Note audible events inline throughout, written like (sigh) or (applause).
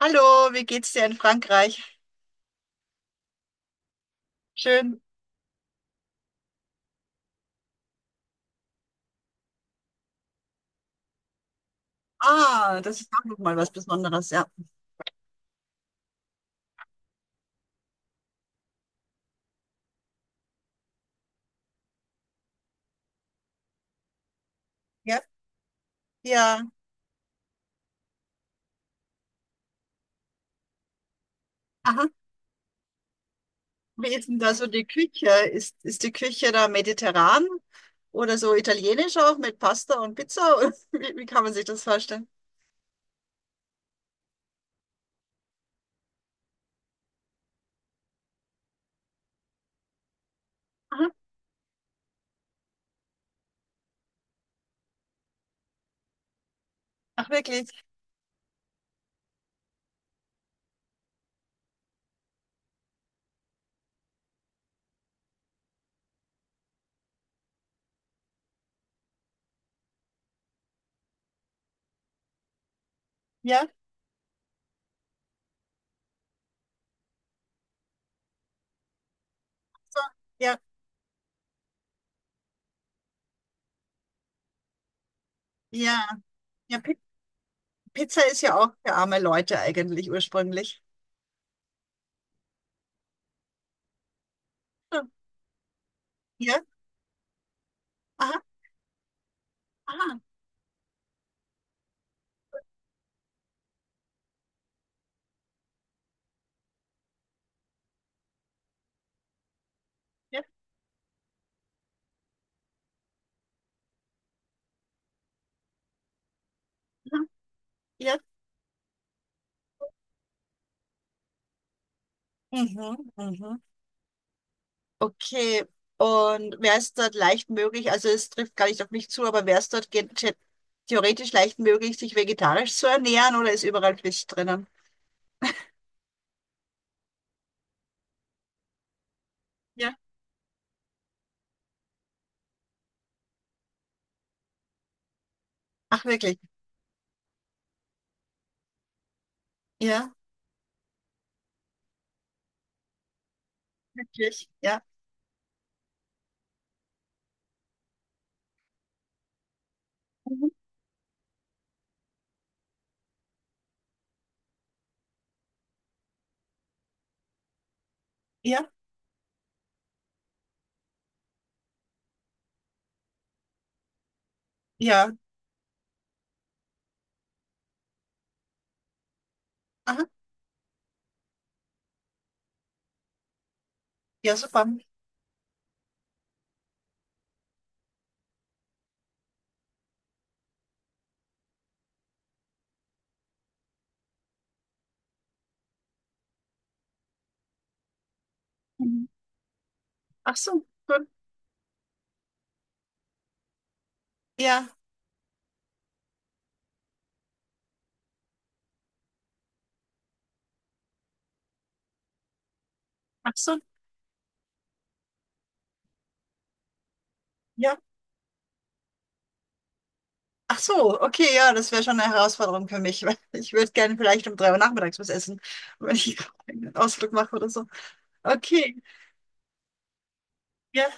Hallo, wie geht's dir in Frankreich? Schön. Ah, das ist auch nochmal was Besonderes, ja. Ja, ja. Aha. Wie ist denn da so die Küche? Ist die Küche da mediterran oder so italienisch auch mit Pasta und Pizza? (laughs) Oder wie kann man sich das vorstellen? Aha. Ach, wirklich? Ja, so, ja, ja. Ja, Pizza ist ja auch für arme Leute eigentlich ursprünglich. Ja, aha, aha. Ja, aha, ja. Mhm, mhm. Okay, und wäre es dort leicht möglich, also es trifft gar nicht auf mich zu, aber wäre es dort theoretisch leicht möglich, sich vegetarisch zu ernähren oder ist überall Fisch drinnen? Ja. Ach, wirklich? Ja, wirklich? Ja. Mhm. Ja, ja. Aha, ja, super. Mhm. Ach so, gut. Ja, ach so. Ja. Ach so, okay, ja, das wäre schon eine Herausforderung für mich, (laughs) weil ich würde gerne vielleicht um 3 Uhr nachmittags was essen, wenn ich (laughs) einen Ausflug mache oder so. Okay, ja.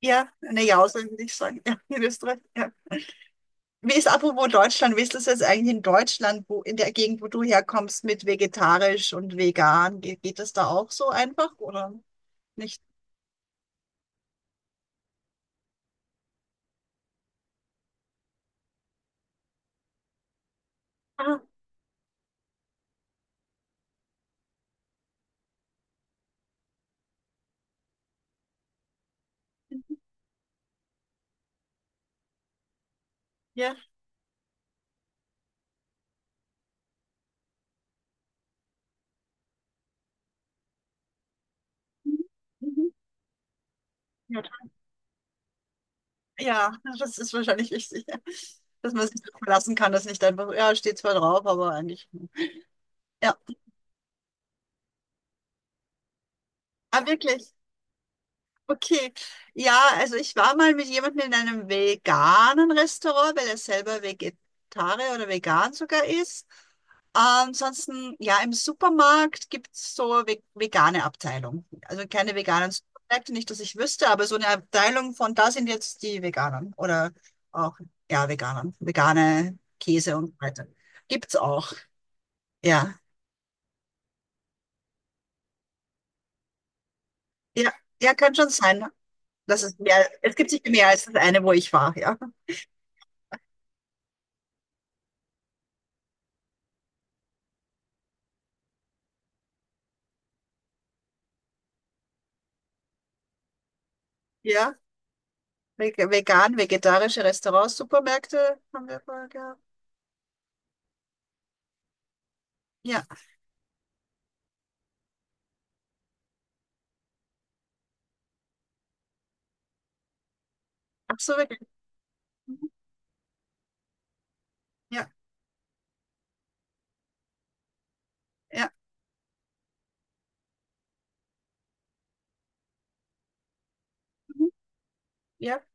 Ja, eine Jause würde ich sagen. Ja, in Österreich. Ja. Wie ist apropos Deutschland? Wie ist das jetzt eigentlich in Deutschland, wo in der Gegend, wo du herkommst, mit vegetarisch und vegan? Geht das da auch so einfach oder nicht? Ah, ja. Mhm. Ja, ja, das ist wahrscheinlich wichtig, ja. Dass man sich darauf verlassen kann, dass nicht einfach, ja, steht zwar drauf, aber eigentlich. Hm. Ja, ah, wirklich. Okay, ja, also ich war mal mit jemandem in einem veganen Restaurant, weil er selber Vegetarier oder vegan sogar ist. Ansonsten, ja, im Supermarkt gibt es so ve vegane Abteilung. Also keine veganen Supermärkte, nicht, dass ich wüsste, aber so eine Abteilung von da sind jetzt die Veganen oder auch, ja, Veganern, vegane Käse und so weiter. Gibt's auch, ja. Ja, ja, kann schon sein, dass es mehr, es gibt sicher mehr als das eine, wo ich war, ja. Ja. Vegan, vegetarische Restaurants, Supermärkte haben wir vorher gehabt. Ja, ach so, vegan. Mhm. Ja, ja. Mhm. Ja.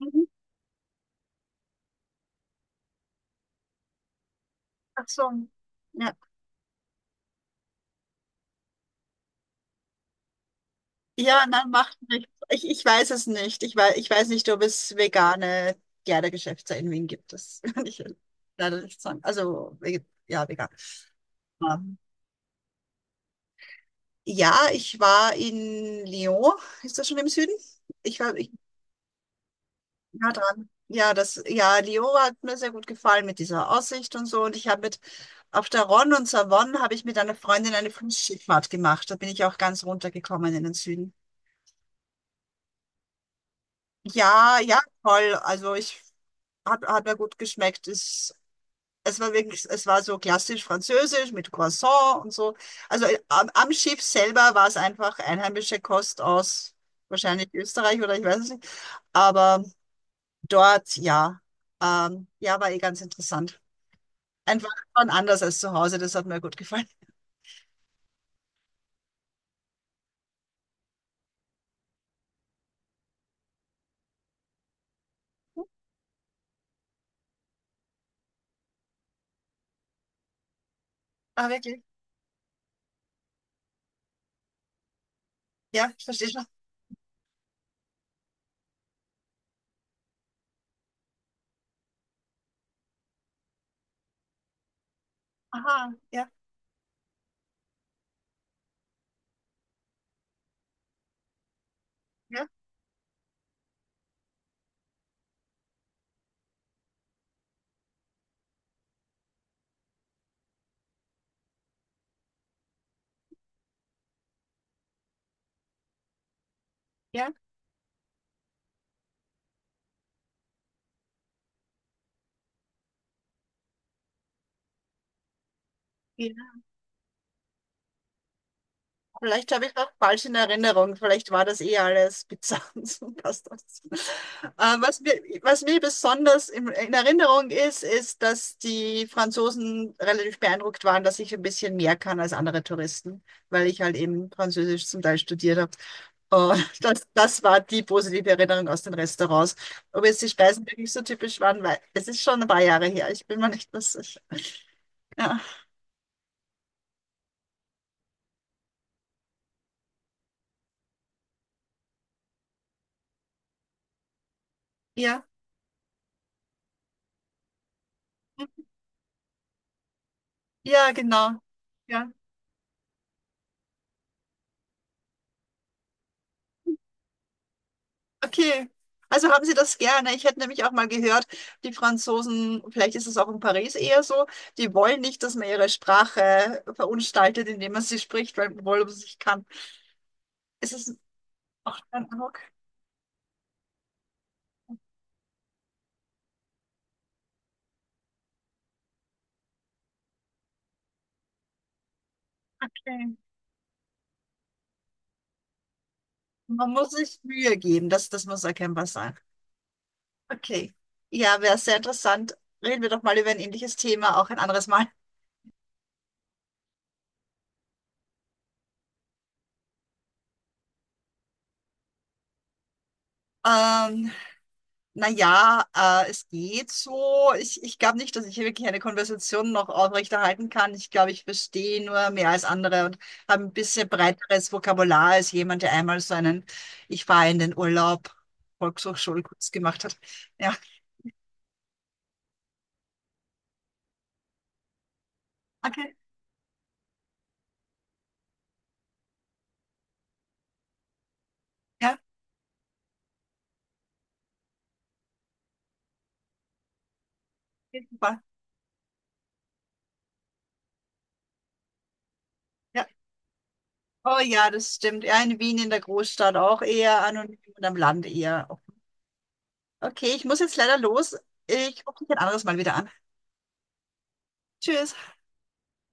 Mhm. Ach so. Ja, ja, nein, macht nichts. Ich weiß es nicht. Ich weiß nicht, ob es vegane Kleidergeschäfte in Wien gibt. Das (laughs) kann ich leider nicht sagen. Also, ja, vegan. Ähm, Ja, ich war in Lyon. Ist das schon im Süden? Ich war, ich ja dran. Ja, das, ja, Lio hat mir sehr gut gefallen mit dieser Aussicht und so. Und ich habe mit Auf der Ron und Savon habe ich mit einer Freundin eine Flussschifffahrt gemacht. Da bin ich auch ganz runtergekommen in den Süden. Ja, ja, toll. Also hat mir gut geschmeckt. Es war so klassisch französisch mit Croissant und so. Also am Schiff selber war es einfach einheimische Kost aus wahrscheinlich Österreich oder ich weiß es nicht. Aber dort, ja, ja, war eh ganz interessant. Einfach und anders als zu Hause, das hat mir gut gefallen. Ah, wirklich? Ja, ich verstehe schon. Aha, ja, ja, ja. Ja. Vielleicht habe ich auch falsch in Erinnerung. Vielleicht war das eh alles Pizza (laughs) und so passt das. Äh, was mir besonders in Erinnerung ist, ist, dass die Franzosen relativ beeindruckt waren, dass ich ein bisschen mehr kann als andere Touristen, weil ich halt eben Französisch zum Teil studiert habe. Und (laughs) das war die positive Erinnerung aus den Restaurants. Ob jetzt die Speisen wirklich so typisch waren, weil es ist schon ein paar Jahre her. Ich bin mir nicht mehr sicher. Ja, ja, ja, genau. Ja. Okay. Also haben Sie das gerne. Ich hätte nämlich auch mal gehört, die Franzosen, vielleicht ist es auch in Paris eher so, die wollen nicht, dass man ihre Sprache verunstaltet, indem man sie spricht, weil obwohl man sie nicht kann. Ist es auch dein Eindruck? Okay. Man muss sich Mühe geben, das muss erkennbar sein. Okay. Ja, wäre sehr interessant. Reden wir doch mal über ein ähnliches Thema, auch ein anderes Mal. Ähm, Naja, es geht so. Ich glaube nicht, dass ich wirklich eine Konversation noch aufrechterhalten kann. Ich glaube, ich verstehe nur mehr als andere und habe ein bisschen breiteres Vokabular als jemand, der einmal so einen Ich fahre in den Urlaub Volkshochschulkurs gemacht hat. Ja, okay. Ja, super. Ja. Oh ja, das stimmt. Ja, in Wien in der Großstadt auch eher anonym und am Land eher offen. Okay, ich muss jetzt leider los. Ich rufe dich ein anderes Mal wieder an. Tschüss.